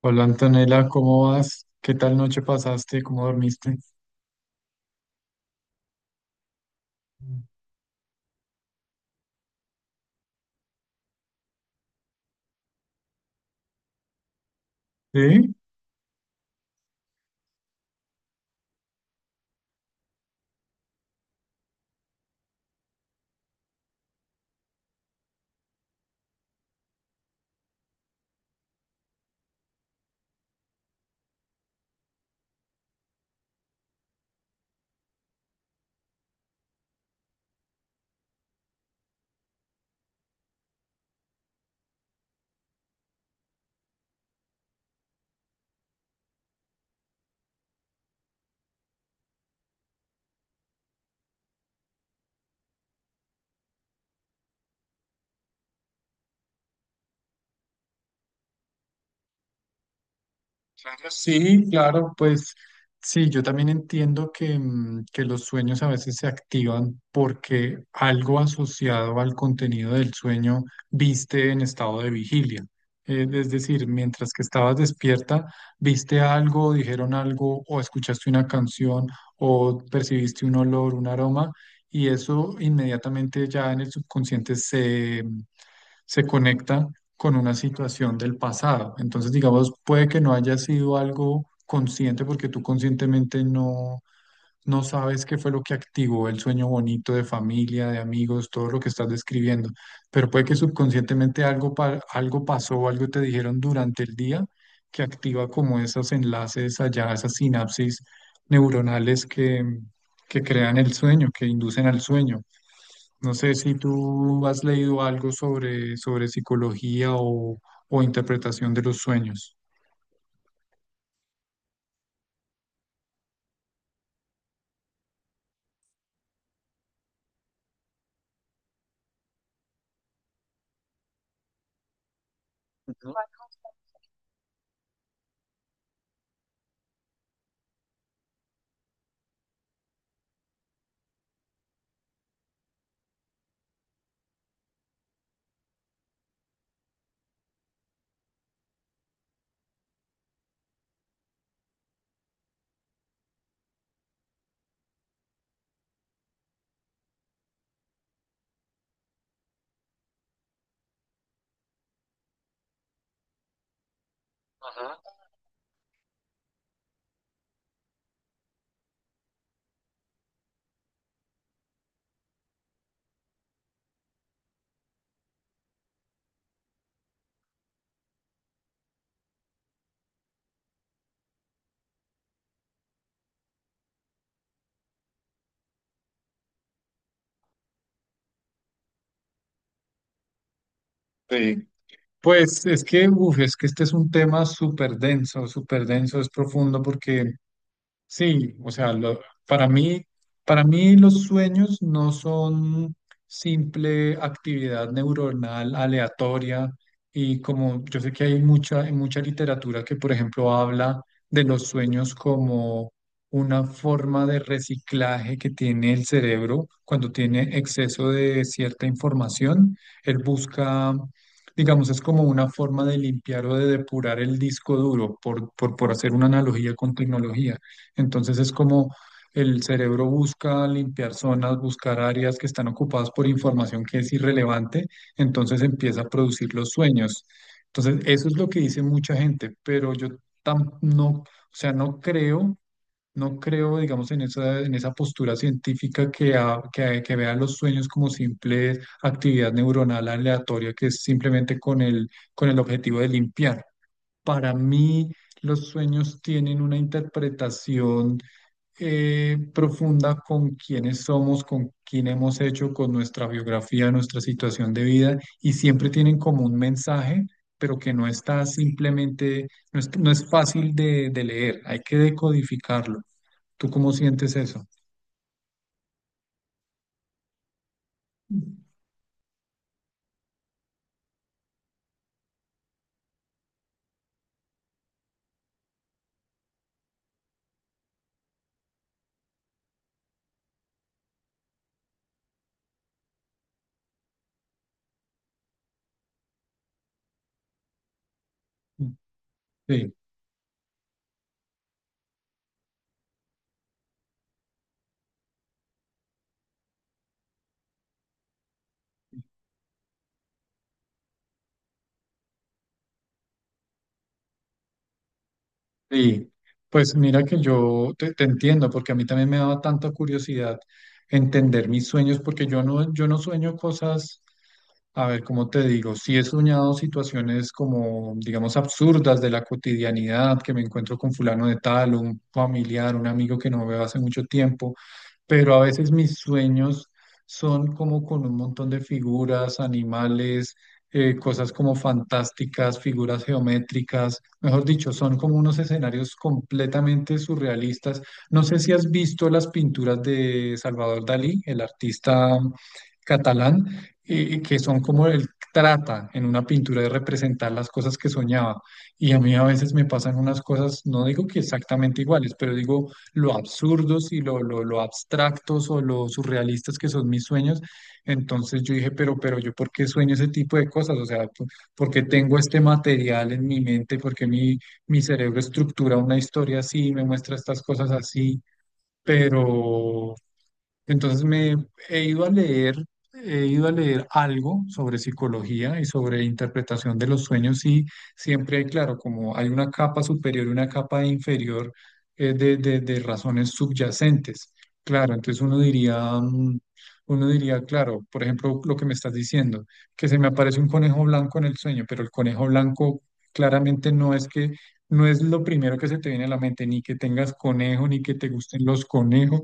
Hola Antonella, ¿cómo vas? ¿Qué tal noche pasaste? ¿Cómo dormiste? Sí, claro, sí, claro, pues sí, yo también entiendo que, que los sueños a veces se activan porque algo asociado al contenido del sueño viste en estado de vigilia. Es decir, mientras que estabas despierta, viste algo, dijeron algo, o escuchaste una canción, o percibiste un olor, un aroma, y eso inmediatamente ya en el subconsciente se conecta con una situación del pasado. Entonces, digamos, puede que no haya sido algo consciente porque tú conscientemente no, no sabes qué fue lo que activó el sueño bonito de familia, de amigos, todo lo que estás describiendo, pero puede que subconscientemente algo, algo pasó o algo te dijeron durante el día que activa como esos enlaces allá, esas sinapsis neuronales que crean el sueño, que inducen al sueño. No sé si tú has leído algo sobre, sobre psicología o interpretación de los sueños. Sí, pues es que, uf, es que este es un tema súper denso, es profundo porque sí, o sea, para mí, para mí los sueños no son simple actividad neuronal aleatoria y como yo sé que hay mucha literatura que, por ejemplo, habla de los sueños como una forma de reciclaje que tiene el cerebro cuando tiene exceso de cierta información, él busca, digamos, es como una forma de limpiar o de depurar el disco duro, por hacer una analogía con tecnología. Entonces es como el cerebro busca limpiar zonas, buscar áreas que están ocupadas por información que es irrelevante, entonces empieza a producir los sueños. Entonces eso es lo que dice mucha gente, pero yo no, o sea, no creo, no creo, digamos, en esa postura científica que vea los sueños como simple actividad neuronal aleatoria que es simplemente con el objetivo de limpiar. Para mí, los sueños tienen una interpretación profunda con quiénes somos, con quién hemos hecho, con nuestra biografía, nuestra situación de vida, y siempre tienen como un mensaje, pero que no está simplemente, no es, no es fácil de leer, hay que decodificarlo. ¿Tú cómo sientes eso? Sí, sí. Pues mira que yo te, te entiendo, porque a mí también me daba tanta curiosidad entender mis sueños, porque yo no, yo no sueño cosas. A ver, ¿cómo te digo? Sí he soñado situaciones como, digamos, absurdas de la cotidianidad, que me encuentro con fulano de tal, un familiar, un amigo que no veo hace mucho tiempo, pero a veces mis sueños son como con un montón de figuras, animales, cosas como fantásticas, figuras geométricas, mejor dicho, son como unos escenarios completamente surrealistas. No sé si has visto las pinturas de Salvador Dalí, el artista catalán que son como él trata en una pintura de representar las cosas que soñaba. Y a mí a veces me pasan unas cosas, no digo que exactamente iguales, pero digo lo absurdos y lo, lo abstractos o lo surrealistas que son mis sueños. Entonces yo dije, pero yo, ¿por qué sueño ese tipo de cosas? O sea, por qué tengo este material en mi mente? ¿Por qué mi, mi cerebro estructura una historia así, me muestra estas cosas así? Pero entonces me he ido a leer, he ido a leer algo sobre psicología y sobre interpretación de los sueños y siempre hay claro, como hay una capa superior y una capa inferior de razones subyacentes. Claro, entonces uno diría, mm, uno diría, claro, por ejemplo, lo que me estás diciendo, que se me aparece un conejo blanco en el sueño, pero el conejo blanco claramente no es que no es lo primero que se te viene a la mente, ni que tengas conejo, ni que te gusten los conejos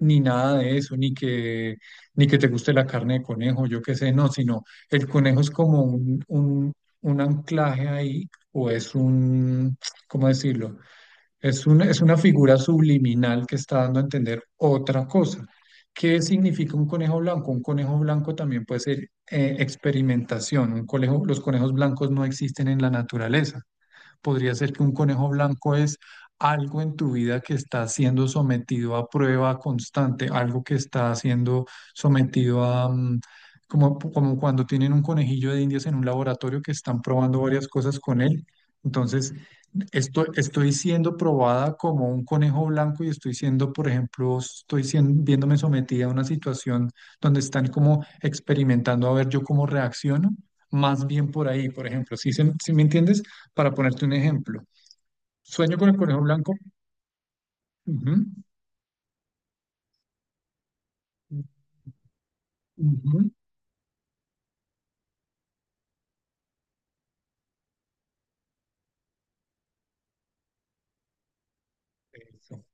ni nada de eso, ni que, ni que te guste la carne de conejo, yo qué sé, no, sino el conejo es como un anclaje ahí, o es un, ¿cómo decirlo? Es un, es una figura subliminal que está dando a entender otra cosa. ¿Qué significa un conejo blanco? Un conejo blanco también puede ser experimentación. Un conejo, los conejos blancos no existen en la naturaleza, podría ser que un conejo blanco es algo en tu vida que está siendo sometido a prueba constante, algo que está siendo sometido a, como, como cuando tienen un conejillo de indias en un laboratorio que están probando varias cosas con él. Entonces, estoy, estoy siendo probada como un conejo blanco y estoy siendo, por ejemplo, estoy siendo viéndome sometida a una situación donde están como experimentando a ver yo cómo reacciono. Más bien por ahí, por ejemplo, ¿sí, se si me entiendes? Para ponerte un ejemplo, sueño con el conejo blanco. Ujú, ujú. Eso.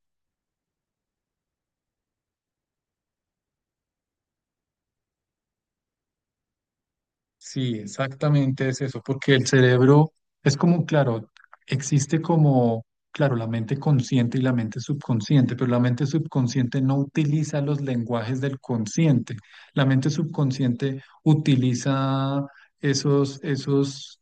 Sí, exactamente es eso, porque el cerebro es como, claro, existe como, claro, la mente consciente y la mente subconsciente, pero la mente subconsciente no utiliza los lenguajes del consciente. La mente subconsciente utiliza esos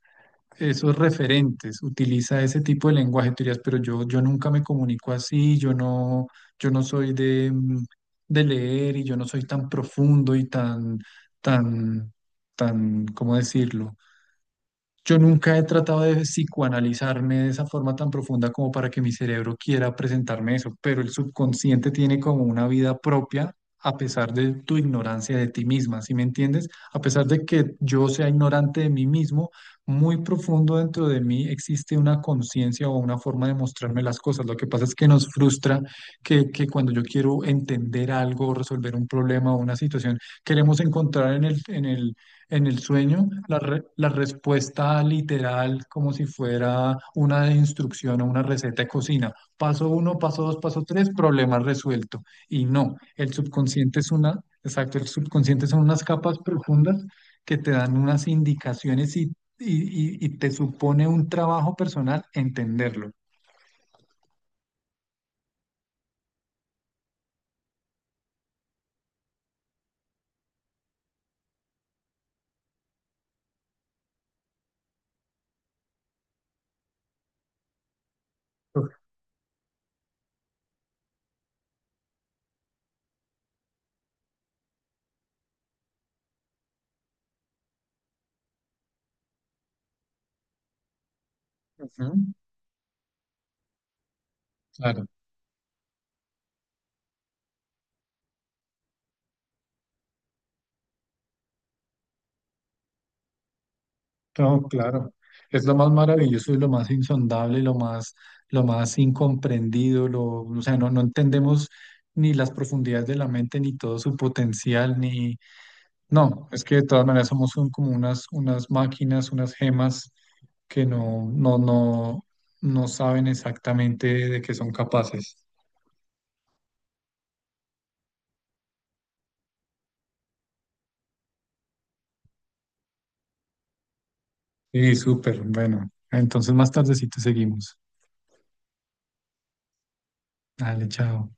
esos referentes, utiliza ese tipo de lenguaje, tú dirías, pero yo nunca me comunico así, yo no, yo no soy de, de leer y yo no soy tan profundo y tan, tan, tan, ¿cómo decirlo? Yo nunca he tratado de psicoanalizarme de esa forma tan profunda como para que mi cerebro quiera presentarme eso, pero el subconsciente tiene como una vida propia a pesar de tu ignorancia de ti misma, ¿sí me entiendes? A pesar de que yo sea ignorante de mí mismo, muy profundo dentro de mí existe una conciencia o una forma de mostrarme las cosas. Lo que pasa es que nos frustra que cuando yo quiero entender algo, resolver un problema o una situación, queremos encontrar en el, en el en el sueño, la respuesta literal, como si fuera una instrucción o una receta de cocina. Paso uno, paso dos, paso tres, problema resuelto. Y no, el subconsciente es una, exacto, el subconsciente son unas capas profundas que te dan unas indicaciones y te supone un trabajo personal entenderlo. Ujú. Claro. No, claro. Es lo más maravilloso y lo más insondable, lo más incomprendido, lo, o sea, no, no entendemos ni las profundidades de la mente, ni todo su potencial, ni... No, es que de todas maneras somos como unas, unas máquinas, unas gemas que no, no, no, no saben exactamente de qué son capaces. Y súper, bueno. Entonces más tardecito seguimos. Dale, chao.